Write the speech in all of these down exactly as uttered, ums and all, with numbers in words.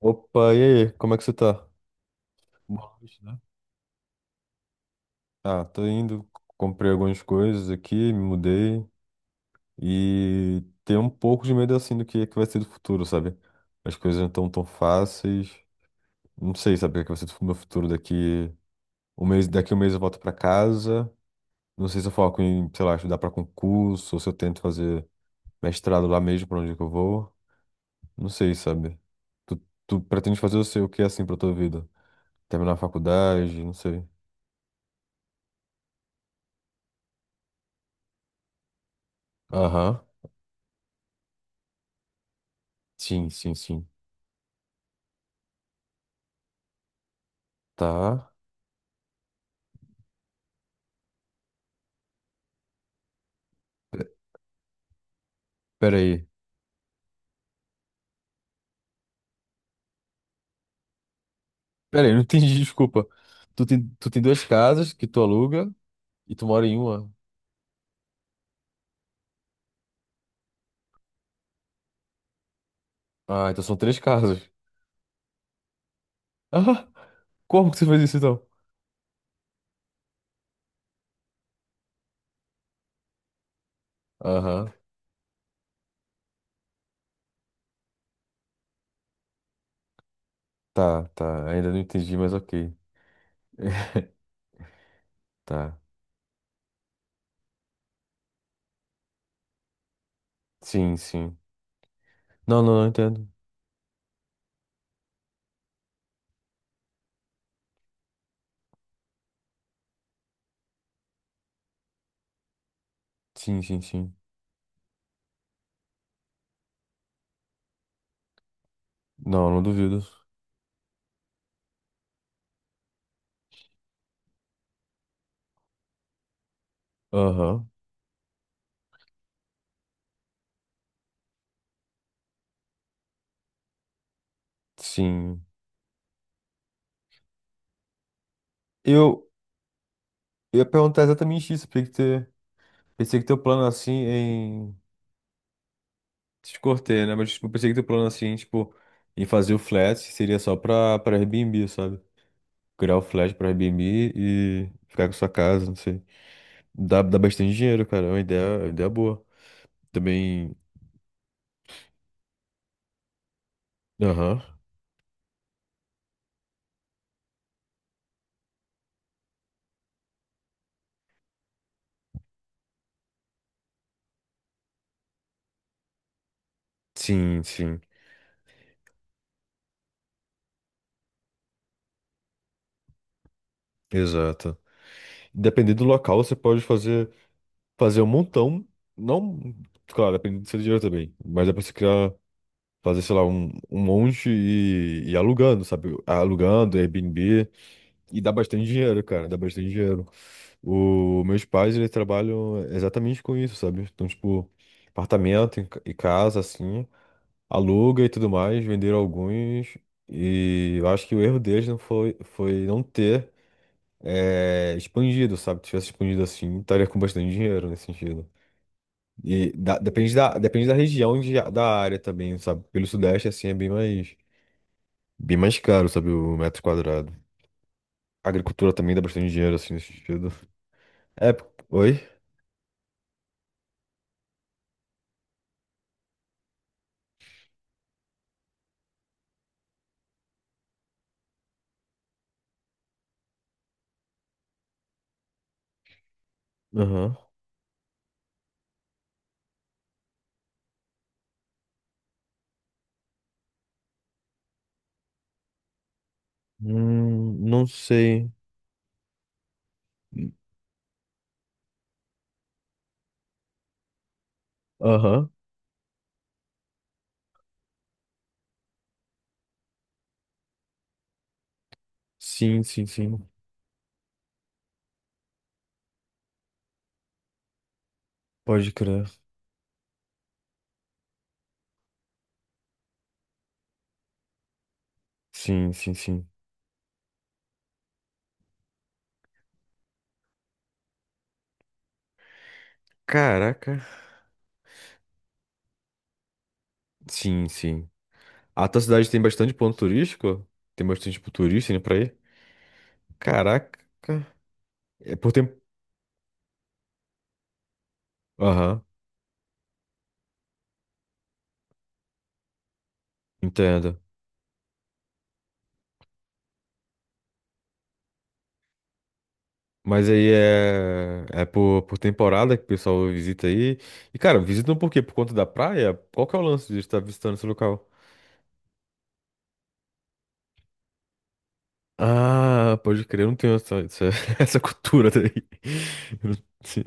Opa, e aí? Como é que você tá? Boa noite, né? Ah, tô indo, comprei algumas coisas aqui, me mudei e tenho um pouco de medo assim do que, que vai ser do futuro, sabe? As coisas não estão tão tão fáceis. Não sei, sabe, o que é que vai ser do meu futuro daqui um mês, daqui um mês eu volto pra casa. Não sei se eu foco em, sei lá, estudar pra concurso ou se eu tento fazer mestrado lá mesmo pra onde que eu vou. Não sei, sabe? Tu, tu pretende fazer o seu o que é, assim pra tua vida? Terminar a faculdade, não sei. Aham. Sim, sim, sim. Tá. Pera aí. Pera aí, não entendi, desculpa. Tu tem, tu tem duas casas que tu aluga e tu mora em uma. Ah, então são três casas. Ah, como que você fez isso então? Aham. Tá, tá. Ainda não entendi, mas ok. Tá. Sim, sim. Não, não, não entendo. Sim, sim, sim. Não, não duvido. Aham. Sim. Eu, eu ia perguntar exatamente isso. Pensei que, te, pensei que teu plano assim. Te cortei, né? Mas tipo, eu pensei que teu plano assim, tipo, em fazer o flat seria só pra, pra Airbnb, sabe? Criar o flat pra Airbnb e ficar com sua casa, não sei. Dá, dá bastante dinheiro, cara. É uma ideia, é uma ideia boa. Também. Aham. Sim, sim. Exato. Dependendo do local, você pode fazer, fazer um montão. Não. Claro, dependendo do seu dinheiro também. Mas dá pra você criar. Fazer, sei lá, um, um monte e, e alugando, sabe? Alugando, Airbnb. E dá bastante dinheiro, cara. Dá bastante dinheiro. O, meus pais, eles trabalham exatamente com isso, sabe? Então, tipo, apartamento e ca- e casa, assim, aluga e tudo mais, venderam alguns. E eu acho que o erro deles não foi, foi não ter eh, expandido, sabe? Se tivesse expandido assim, estaria com bastante dinheiro nesse sentido. E da- depende da, depende da região de, da área também, sabe? Pelo Sudeste, assim, é bem mais, bem mais caro, sabe? O metro quadrado. A agricultura também dá bastante dinheiro, assim, nesse sentido. É, oi? Aham. Hum, não sei. Aham. Sim, sim, sim. Pode crer. Sim, sim, sim. Caraca. Sim, sim. A tua cidade tem bastante ponto turístico? Tem bastante, tipo, turista indo pra aí? Caraca. É por tempo. Aham, entendo. Mas aí é, é por, por temporada que o pessoal visita aí. E, cara, visitam por quê? Por conta da praia? Qual que é o lance de estar visitando esse local? Ah, pode crer, eu não tenho essa, essa, essa cultura daí. Eu não sei.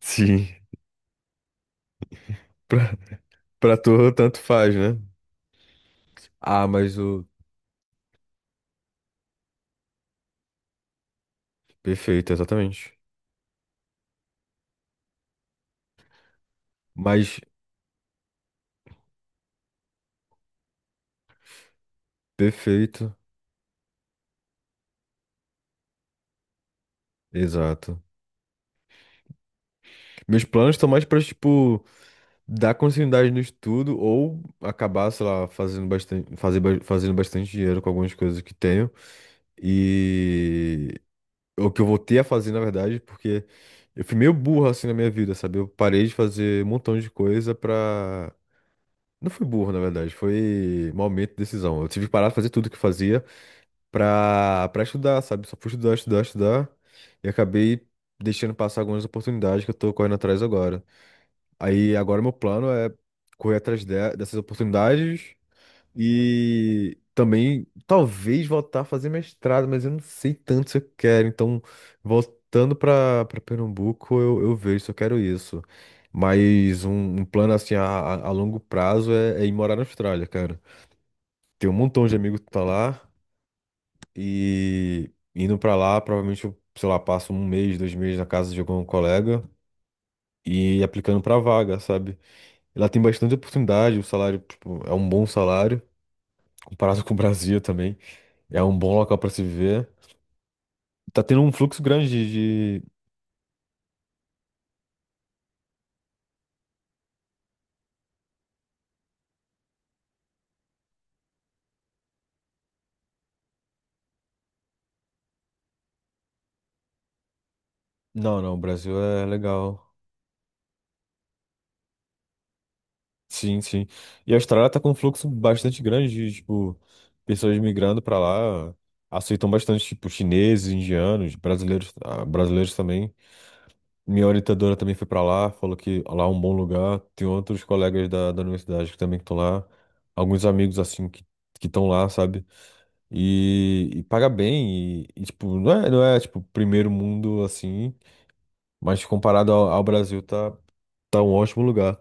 Sim, pra, pra tu tanto faz, né? Ah, mas o. Perfeito, exatamente. Mas perfeito, exato. Meus planos estão mais pra, tipo, dar continuidade no estudo ou acabar, sei lá, fazendo bastante, fazer, ba- fazendo bastante dinheiro com algumas coisas que tenho. E o que eu voltei a fazer, na verdade, porque eu fui meio burro assim na minha vida, sabe? Eu parei de fazer um montão de coisa pra. Não fui burro, na verdade, foi mau aumento de decisão. Eu tive que parar de fazer tudo que eu fazia pra, pra estudar, sabe? Só fui estudar, estudar, estudar. E acabei deixando passar algumas oportunidades que eu tô correndo atrás agora. Aí agora meu plano é correr atrás de- dessas oportunidades e também talvez voltar a fazer mestrado, mas eu não sei tanto se eu quero. Então, voltando para para Pernambuco, eu, eu vejo se eu quero isso. Mas um, um plano assim a, a a longo prazo é, é ir morar na Austrália, cara. Tem um montão de amigos que tá lá. E indo pra lá, provavelmente eu, sei lá, passo um mês, dois meses na casa de algum colega e aplicando pra vaga, sabe? Ela tem bastante oportunidade, o salário, tipo, é um bom salário, comparado com o Brasil também. É um bom local pra se viver. Tá tendo um fluxo grande de. de- Não, não, o Brasil é legal. Sim, sim. E a Austrália tá com um fluxo bastante grande de, tipo, pessoas migrando pra lá. Aceitam bastante, tipo, chineses, indianos, brasileiros, ah, brasileiros também. Minha orientadora também foi para lá, falou que lá é um bom lugar. Tem outros colegas da, da universidade que também estão lá. Alguns amigos, assim, que que estão lá, sabe? E, e paga bem. E, e, tipo, não é, não é, tipo, primeiro mundo, assim. Mas comparado ao, ao Brasil, tá, tá um ótimo lugar.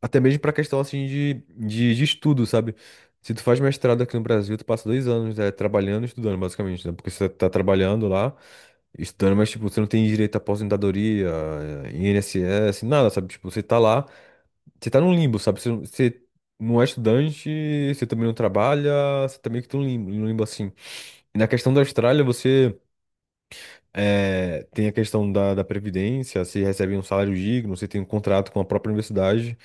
Até mesmo pra questão, assim, de, de, de estudo, sabe? Se tu faz mestrado aqui no Brasil, tu passa dois anos, né, trabalhando e estudando, basicamente, né? Porque você tá trabalhando lá. Estudando, mas, tipo, você não tem direito à aposentadoria, eh, I N S S, nada, sabe? Tipo, você tá lá, você tá num limbo, sabe? Você, não você não é estudante, você também não trabalha, você tá meio que tá num limbo, num limbo assim. E na questão da Austrália, você eh, tem a questão da, da Previdência, você recebe um salário digno, você tem um contrato com a própria universidade.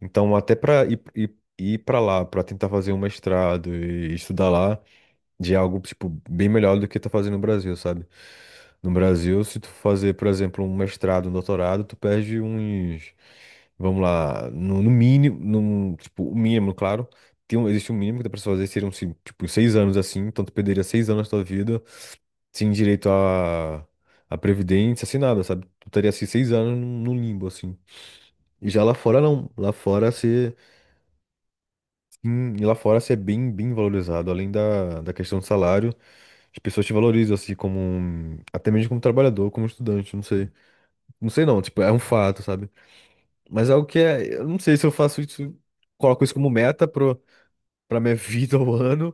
Então, até pra ir, ir, ir pra lá, pra tentar fazer um mestrado e estudar lá, de algo, tipo, bem melhor do que tá fazendo no Brasil, sabe? No Brasil, se tu fazer, por exemplo, um mestrado, um doutorado, tu perde uns, vamos lá, no, no mínimo, no, tipo, o mínimo, claro, tem um, existe um mínimo que dá pra se fazer, seriam, se- tipo, seis anos assim, então tu perderia seis anos da tua vida sem direito a, a previdência, sem nada, sabe? Tu teria assim, seis anos num, num limbo, assim. E já lá fora não, lá fora você, sim, e lá fora você é bem, bem valorizado, além da, da questão do salário, as pessoas te valorizam, assim, como um. Até mesmo como trabalhador, como estudante, não sei. Não sei não, tipo, é um fato, sabe? Mas é o que é. Eu não sei se eu faço isso. Coloco isso como meta pro, pra minha vida ou ano.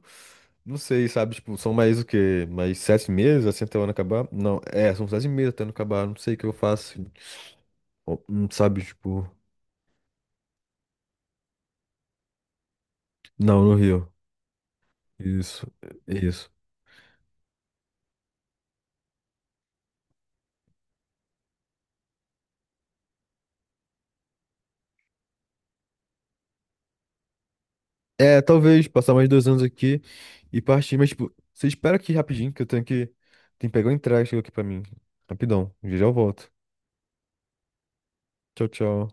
Não sei, sabe? Tipo, são mais o quê? Mais sete meses, assim, até o ano acabar? Não, é, são sete meses até o ano acabar. Não sei o que eu faço. Ou, hum, sabe, tipo. Não, no Rio. Isso, isso. É, talvez passar mais dois anos aqui e partir. Mas, tipo, você espera aqui rapidinho, que eu tenho que. Tem que pegar o entrega que chegou aqui pra mim. Rapidão. Já já eu volto. Tchau, tchau.